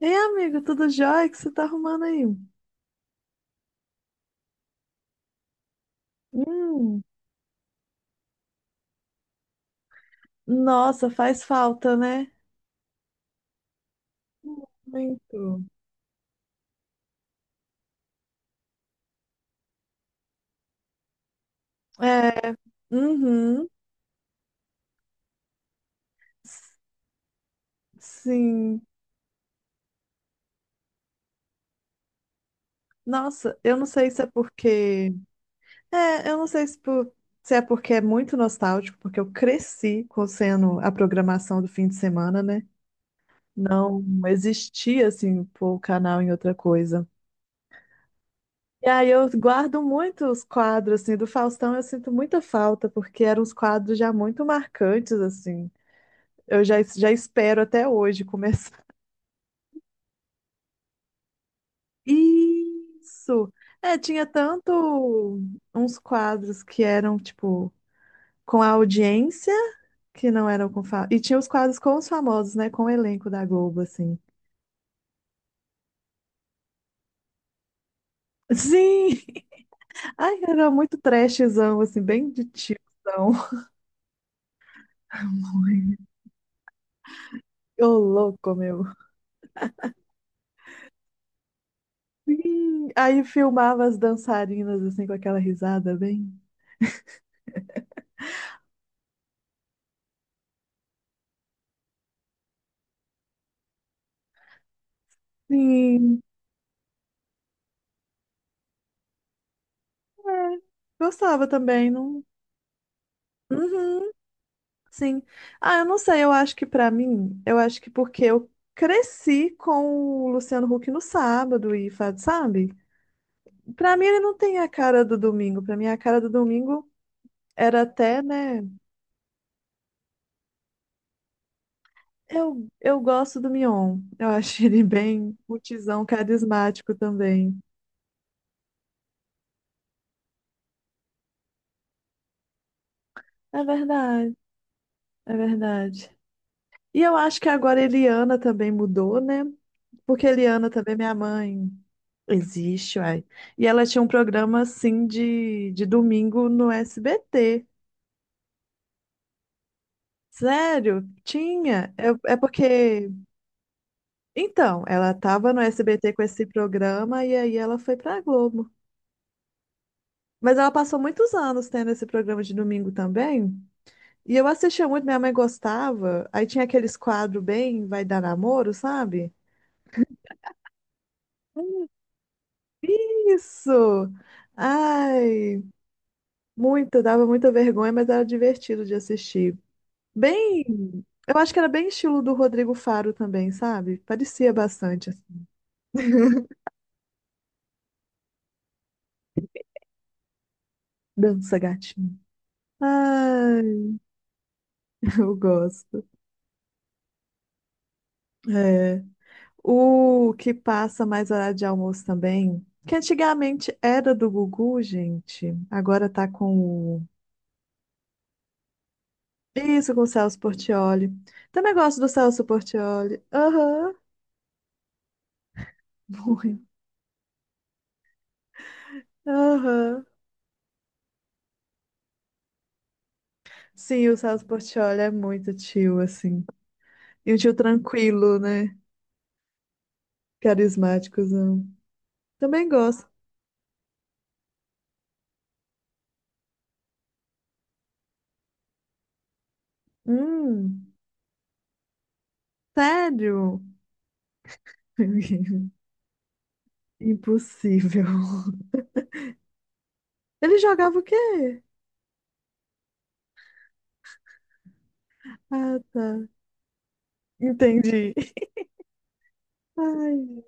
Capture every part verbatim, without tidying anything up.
Ei, amigo, tudo jóia? O que você tá arrumando aí? Hum, nossa, faz falta, né? Muito. É, uhum, s- sim. Nossa, eu não sei se é porque. É, eu não sei se, por- se é porque é muito nostálgico, porque eu cresci com sendo a programação do fim de semana, né? Não existia, assim, pôr o canal em outra coisa. E aí eu guardo muito os quadros, assim, do Faustão eu sinto muita falta, porque eram uns quadros já muito marcantes, assim. Eu já, já espero até hoje começar. Isso! É, tinha tanto uns quadros que eram, tipo, com a audiência, que não eram com... Fa... E tinha os quadros com os famosos, né, com o elenco da Globo, assim. Sim! Ai, era muito trashzão, assim, bem de tiozão. Ô, louco, meu. Sim. Aí filmava as dançarinas assim com aquela risada bem. Sim. É, gostava também, não. Uhum, sim. Ah, eu não sei, eu acho que pra mim, eu acho que porque eu cresci com o Luciano Huck no sábado e faz, sabe? Pra mim ele não tem a cara do domingo, pra mim a cara do domingo era até, né? Eu, eu gosto do Mion. Eu acho ele bem mutizão, carismático também. É verdade, é verdade. E eu acho que agora a Eliana também mudou, né? Porque a Eliana também, é minha mãe, existe, uai. E ela tinha um programa, assim, de, de domingo no S B T. Sério? Tinha? É, é porque... Então, ela tava no S B T com esse programa e aí ela foi pra Globo. Mas ela passou muitos anos tendo esse programa de domingo também. E eu assistia muito, minha mãe gostava. Aí tinha aqueles quadros bem Vai Dar Namoro, sabe? Isso! Ai, muito, dava muita vergonha, mas era divertido de assistir. Bem, eu acho que era bem estilo do Rodrigo Faro também, sabe? Parecia bastante, assim. Dança gatinho. Ai, eu gosto. É. O que passa mais horário de almoço também, que antigamente era do Gugu, gente, agora tá com o... Isso, com o Celso Portiolli. Também gosto do Celso Portiolli. Aham, muito. Aham. Sim, o Celso Portiolli é muito tio, assim. E um tio tranquilo, né? Carismáticozão. Também gosto. Hum, sério? Impossível. Ele jogava o quê? Ah, tá. Entendi. Ai,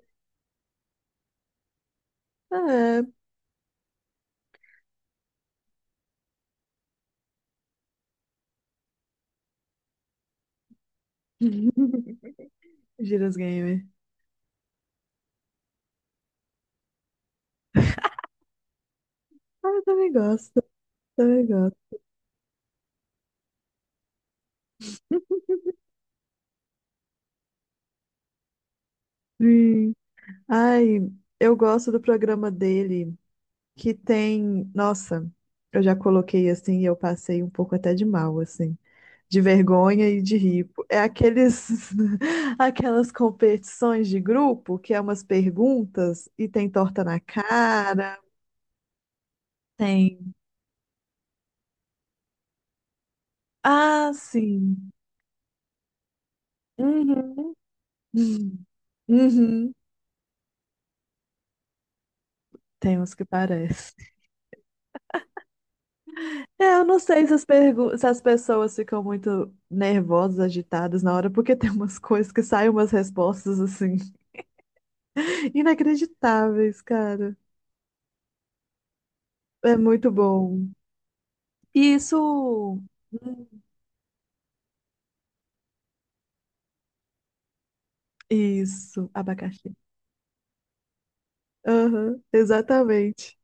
ah, é. Giras Gamer. Ah, eu também gosto. Também gosto. Sim. Ai, eu gosto do programa dele, que tem. Nossa, eu já coloquei assim e eu passei um pouco até de mal, assim. De vergonha e de ripo. É aqueles, aquelas competições de grupo que é umas perguntas e tem torta na cara, tem. Ah, sim. Uhum. Hum. Uhum. Tem uns que parecem. É, eu não sei se as, pergu- se as pessoas ficam muito nervosas, agitadas na hora, porque tem umas coisas que saem umas respostas assim, inacreditáveis, cara. É muito bom. E isso. Hum. Isso, abacaxi. Aham, exatamente.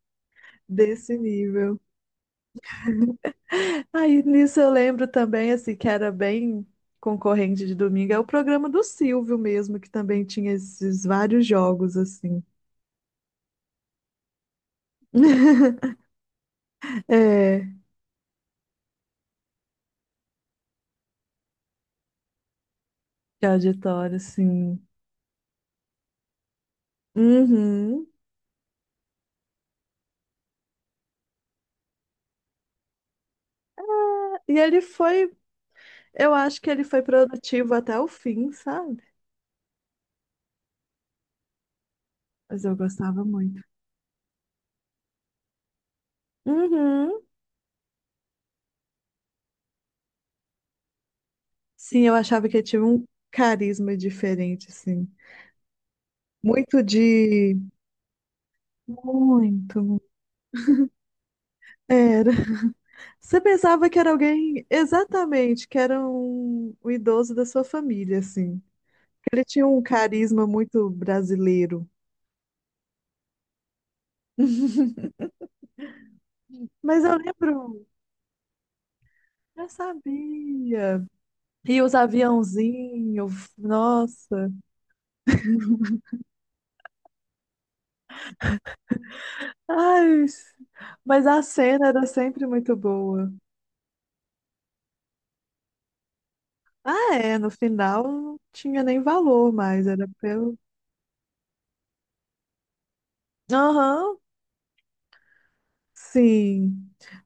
Desse nível. Aí nisso eu lembro também, assim, que era bem concorrente de domingo, é o programa do Silvio mesmo, que também tinha esses vários jogos, assim. É, de auditório, assim. Uhum. E ele foi, eu acho que ele foi produtivo até o fim, sabe? Mas eu gostava muito. Uhum. Sim, eu achava que ele tinha um carisma diferente, assim. Muito de. Muito. Era. Você pensava que era alguém, exatamente, que era um, um idoso da sua família, assim. Ele tinha um carisma muito brasileiro. Mas eu lembro, já sabia. E os aviãozinhos, nossa. Ai, mas a cena era sempre muito boa. Ah, é, no final não tinha nem valor mais, era pelo. Aham, sim.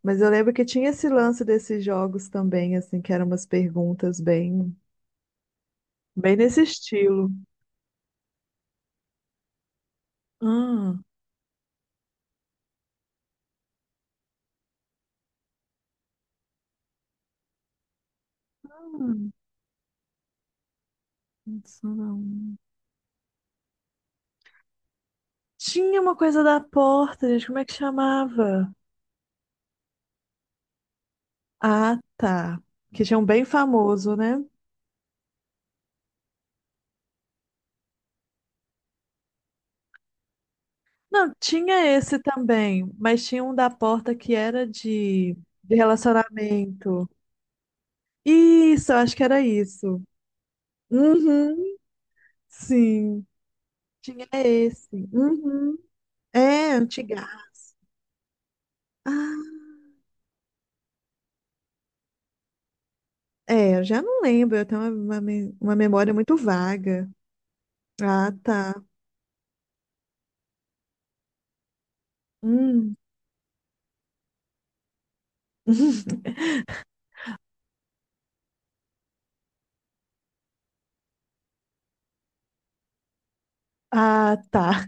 Mas eu lembro que tinha esse lance desses jogos também, assim, que eram umas perguntas bem. Bem nesse estilo. Hum. Hum. Isso não. Tinha uma coisa da porta, gente. Como é que chamava? Ah, tá. Que tinha um bem famoso, né? Não, tinha esse também, mas tinha um da porta que era de, de relacionamento. Isso, eu acho que era isso. Uhum, sim. Tinha esse. Uhum. É, antiga. Ah, é, eu já não lembro, eu tenho uma, uma, me- uma memória muito vaga. Ah, tá. Hum. Ah, tá.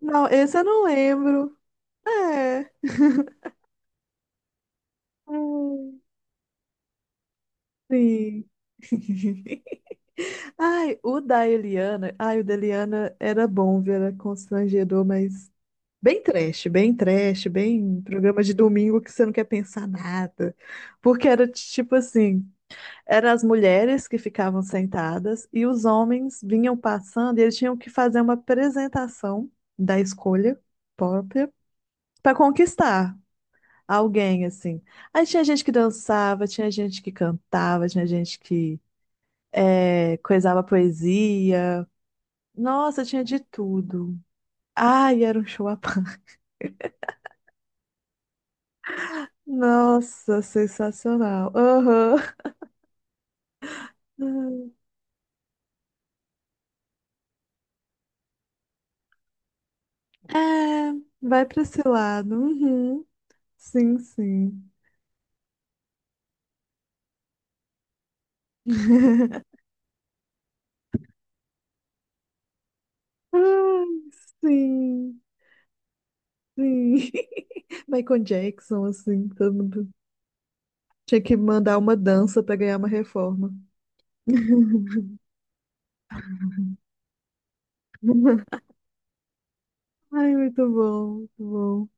Não, esse eu não lembro. É. Hum, sim. Ai, o da Eliana. Ai, o da Eliana era bom, viu? Era constrangedor, mas bem trash, bem trash, bem programa de domingo que você não quer pensar nada. Porque era tipo assim: eram as mulheres que ficavam sentadas e os homens vinham passando e eles tinham que fazer uma apresentação da escolha própria para conquistar. Alguém, assim. Aí tinha gente que dançava, tinha gente que cantava, tinha gente que eh, coisava poesia. Nossa, tinha de tudo. Ai, era um show à parte. Nossa, sensacional. Aham. É, vai pra esse lado. Uhum. Sim, sim. Ai, sim, sim. Michael Jackson, assim, todo mundo. Tinha que mandar uma dança pra ganhar uma reforma. Ai, muito bom, muito bom.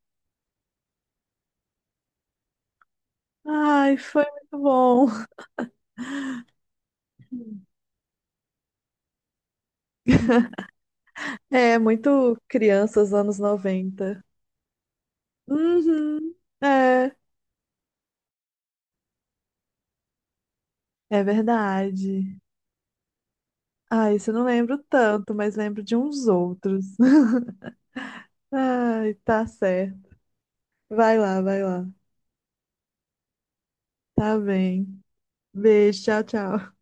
Ai, foi muito bom. É, muito crianças anos noventa. Uhum, é, é verdade. Ai, isso eu não lembro tanto, mas lembro de uns outros. Ai, tá certo. Vai lá, vai lá. Tá bem. Beijo, tchau, tchau.